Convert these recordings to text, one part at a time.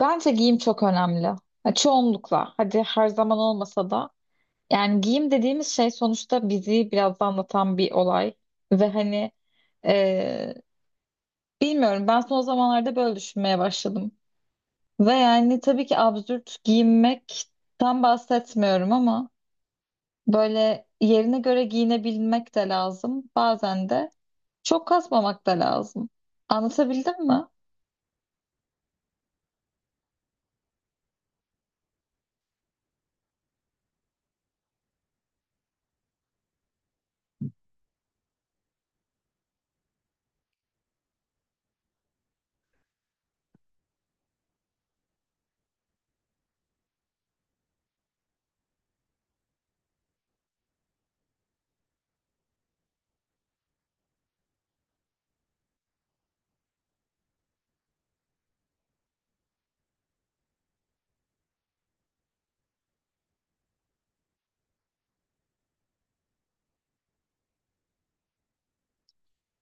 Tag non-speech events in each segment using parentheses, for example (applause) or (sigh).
Bence giyim çok önemli. Ya çoğunlukla. Hadi her zaman olmasa da. Yani giyim dediğimiz şey sonuçta bizi biraz da anlatan bir olay. Ve hani e, bilmiyorum, ben son zamanlarda böyle düşünmeye başladım. Ve yani tabii ki absürt giyinmekten bahsetmiyorum ama böyle yerine göre giyinebilmek de lazım. Bazen de çok kasmamak da lazım. Anlatabildim mi?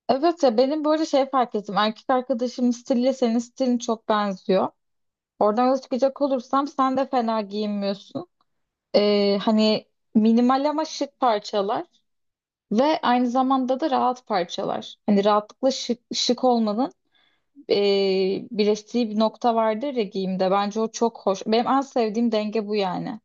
Evet ya, benim böyle şey fark ettim. Erkek arkadaşımın stiliyle senin stilin çok benziyor. Oradan yola çıkacak olursam sen de fena giyinmiyorsun. Hani minimal ama şık parçalar ve aynı zamanda da rahat parçalar. Hani rahatlıkla şık olmanın ee, birleştiği bir nokta vardır ya giyimde. Bence o çok hoş. Benim en sevdiğim denge bu yani.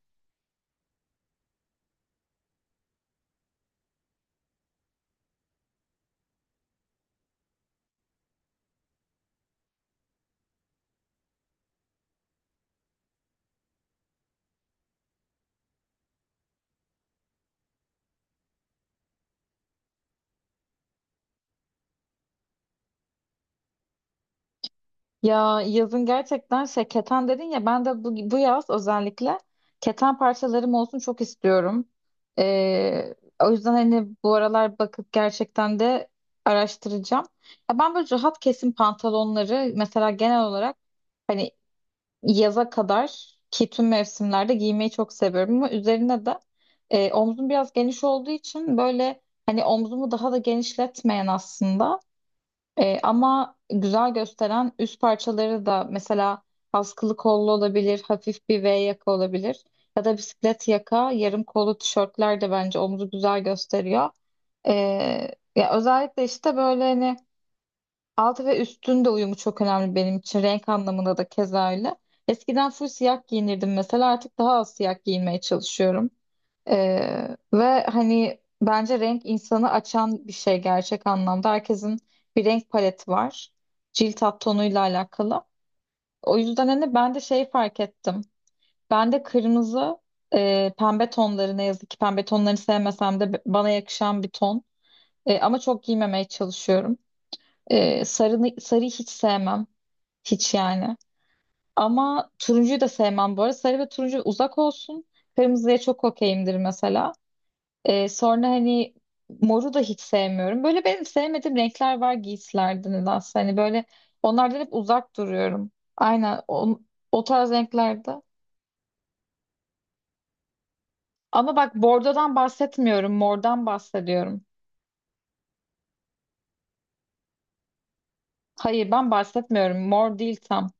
Ya yazın gerçekten şey keten dedin ya, ben de bu yaz özellikle keten parçalarım olsun çok istiyorum. Ee, o yüzden hani bu aralar bakıp gerçekten de araştıracağım. Ya ben böyle rahat kesim pantolonları mesela genel olarak hani yaza kadar ki tüm mevsimlerde giymeyi çok seviyorum ama üzerine de omzum biraz geniş olduğu için böyle hani omzumu daha da genişletmeyen, aslında ama güzel gösteren üst parçaları da, mesela askılı kollu olabilir, hafif bir V yaka olabilir ya da bisiklet yaka, yarım kollu tişörtler de bence omuzu güzel gösteriyor. E, ya özellikle işte böyle hani altı ve üstün de uyumu çok önemli benim için, renk anlamında da keza öyle. Eskiden full siyah giyinirdim mesela, artık daha az siyah giyinmeye çalışıyorum. Ve hani bence renk insanı açan bir şey gerçek anlamda. Herkesin bir renk paleti var. Cilt alt tonuyla alakalı. O yüzden hani ben de şey fark ettim. Ben de kırmızı, pembe tonları, ne yazık ki pembe tonlarını sevmesem de bana yakışan bir ton. Ama çok giymemeye çalışıyorum. E, sarıyı hiç sevmem. Hiç yani. Ama turuncuyu da sevmem bu arada. Sarı ve turuncu uzak olsun. Kırmızıya çok okeyimdir mesela. Sonra hani moru da hiç sevmiyorum. Böyle benim sevmediğim renkler var giysilerde nedense. Hani böyle onlardan hep uzak duruyorum. Aynen o, o tarz renklerde. Ama bak, bordodan bahsetmiyorum. Mordan bahsediyorum. Hayır, ben bahsetmiyorum. Mor değil tam.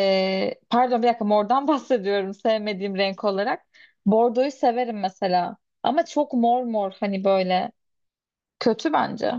Pardon, bir dakika, mordan (laughs) bahsediyorum sevmediğim renk olarak. Bordoyu severim mesela. Ama çok mor mor, hani böyle kötü bence.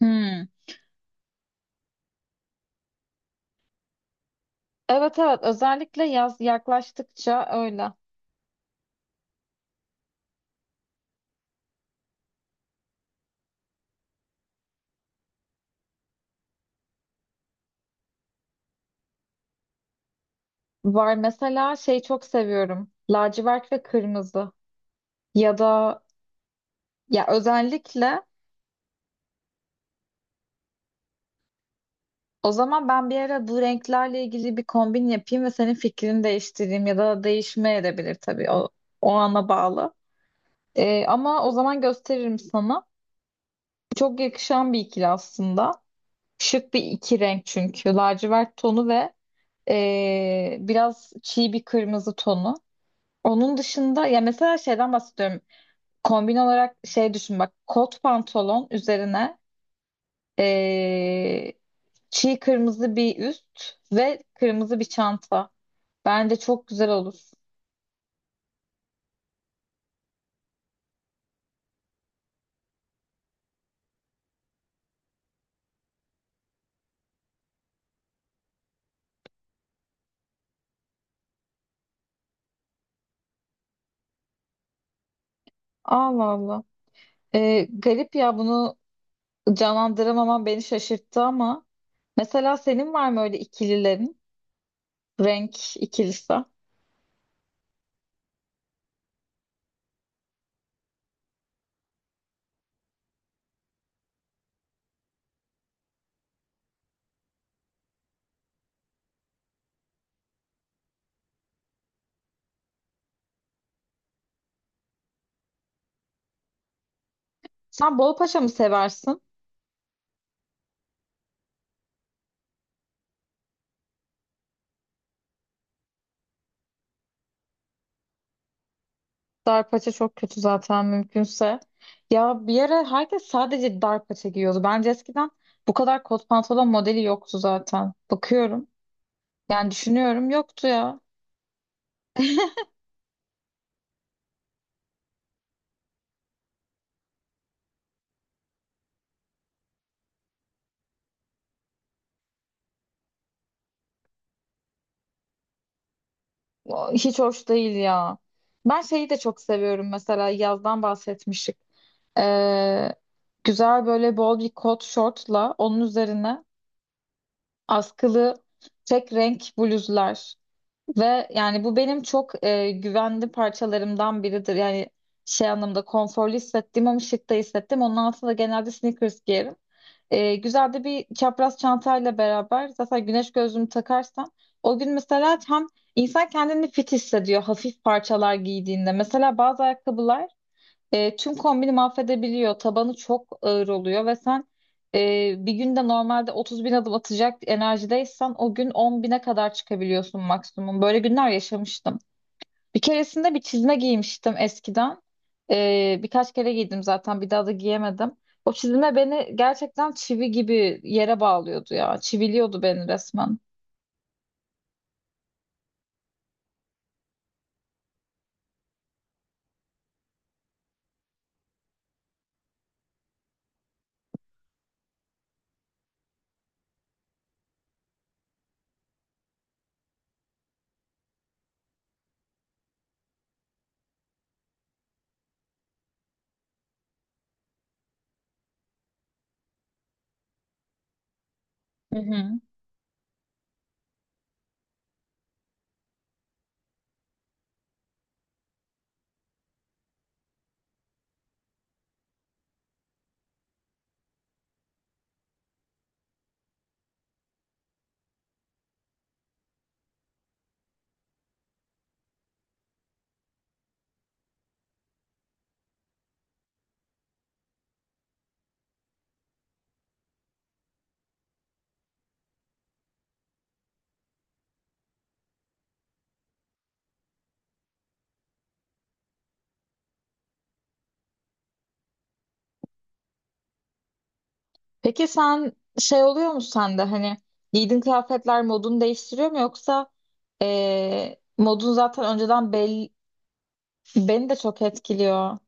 Hmm. Evet, evet, özellikle yaz yaklaştıkça öyle. Var, mesela şeyi çok seviyorum: lacivert ve kırmızı. Ya da ya özellikle o zaman ben bir ara bu renklerle ilgili bir kombin yapayım ve senin fikrini değiştireyim, ya da değişme edebilir tabii, o, o ana bağlı. Ama o zaman gösteririm sana. Çok yakışan bir ikili aslında. Şık bir iki renk çünkü. Lacivert tonu ve biraz çiğ bir kırmızı tonu. Onun dışında ya mesela şeyden bahsediyorum. Kombin olarak şey düşün bak: kot pantolon üzerine ee, çiğ kırmızı bir üst ve kırmızı bir çanta. Bence çok güzel olur. Allah Allah. Garip ya, bunu canlandıramaman beni şaşırttı, ama mesela senin var mı öyle ikililerin? Renk ikilisi. Sen bol paça mı seversin? Dar paça çok kötü zaten, mümkünse. Ya bir ara herkes sadece dar paça giyiyordu. Bence eskiden bu kadar kot pantolon modeli yoktu zaten. Bakıyorum. Yani düşünüyorum, yoktu ya. Hiç hoş değil ya. Ben şeyi de çok seviyorum mesela, yazdan bahsetmiştik. Ee, güzel böyle bol bir kot şortla onun üzerine askılı tek renk bluzlar. Ve yani bu benim çok güvenli parçalarımdan biridir. Yani şey anlamda konforlu hissettiğim ama şık da hissettim. Onun altında genelde sneakers giyerim. Güzel de bir çapraz çantayla beraber, zaten güneş gözlüğümü takarsam o gün mesela, hem insan kendini fit hissediyor hafif parçalar giydiğinde. Mesela bazı ayakkabılar tüm kombini mahvedebiliyor. Tabanı çok ağır oluyor ve sen bir günde normalde 30 bin adım atacak enerjideysen o gün 10 bine kadar çıkabiliyorsun maksimum. Böyle günler yaşamıştım. Bir keresinde bir çizme giymiştim eskiden. Birkaç kere giydim zaten, bir daha da giyemedim. O çizme beni gerçekten çivi gibi yere bağlıyordu ya. Çiviliyordu beni resmen. Hı hı. Peki sen, şey oluyor mu sende hani giydiğin kıyafetler modunu değiştiriyor mu, yoksa modun zaten önceden belli, beni de çok etkiliyor.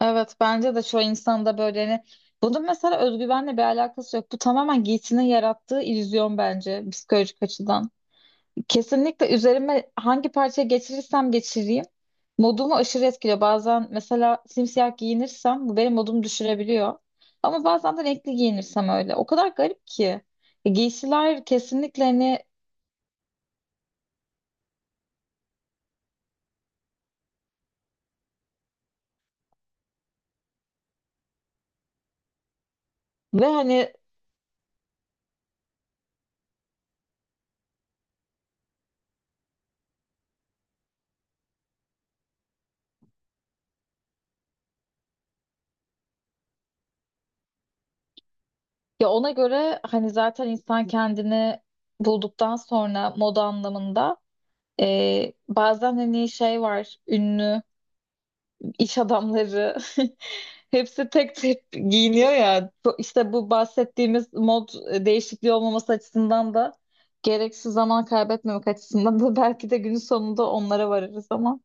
Evet, bence de çoğu insanda böyle. Hani bunun mesela özgüvenle bir alakası yok. Bu tamamen giysinin yarattığı illüzyon bence, psikolojik açıdan. Kesinlikle üzerime hangi parça geçirirsem geçireyim modumu aşırı etkiliyor. Bazen mesela simsiyah giyinirsem bu benim modumu düşürebiliyor. Ama bazen de renkli giyinirsem öyle. O kadar garip ki. Giysiler kesinlikle hani ve hani ya ona göre hani zaten insan kendini bulduktan sonra moda anlamında, bazen hani şey var, ünlü iş adamları (laughs) hepsi tek tek giyiniyor ya. İşte bu bahsettiğimiz mod değişikliği olmaması açısından da, gereksiz zaman kaybetmemek açısından da (laughs) belki de günün sonunda onlara varırız, ama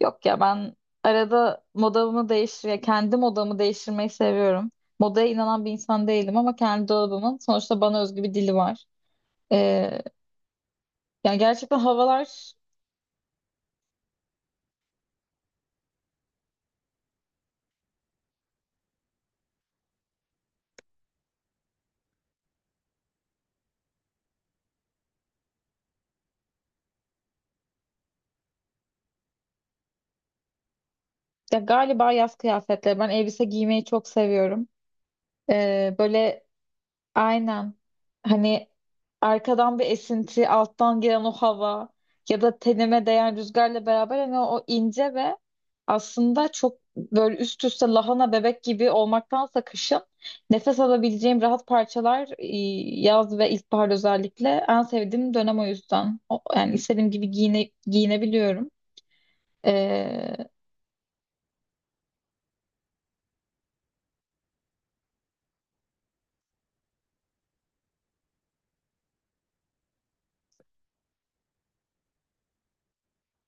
yok ya, ben arada modamı kendi modamı değiştirmeyi seviyorum. Modaya inanan bir insan değilim, ama kendi dolabımın sonuçta bana özgü bir dili var. Ee, yani gerçekten havalar ya, galiba yaz kıyafetleri. Ben elbise giymeyi çok seviyorum. Böyle Aynen. Hani arkadan bir esinti, alttan gelen o hava ya da tenime değen rüzgarla beraber, hani o ince ve aslında çok böyle üst üste lahana bebek gibi olmaktansa, kışın nefes alabileceğim rahat parçalar, yaz ve ilkbahar özellikle en sevdiğim dönem, o yüzden. Yani istediğim gibi giyinebiliyorum. Ee,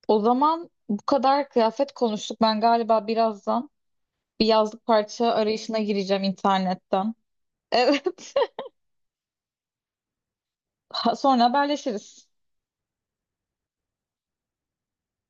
o zaman bu kadar kıyafet konuştuk. Ben galiba birazdan bir yazlık parça arayışına gireceğim internetten. Evet. (laughs) Sonra haberleşiriz.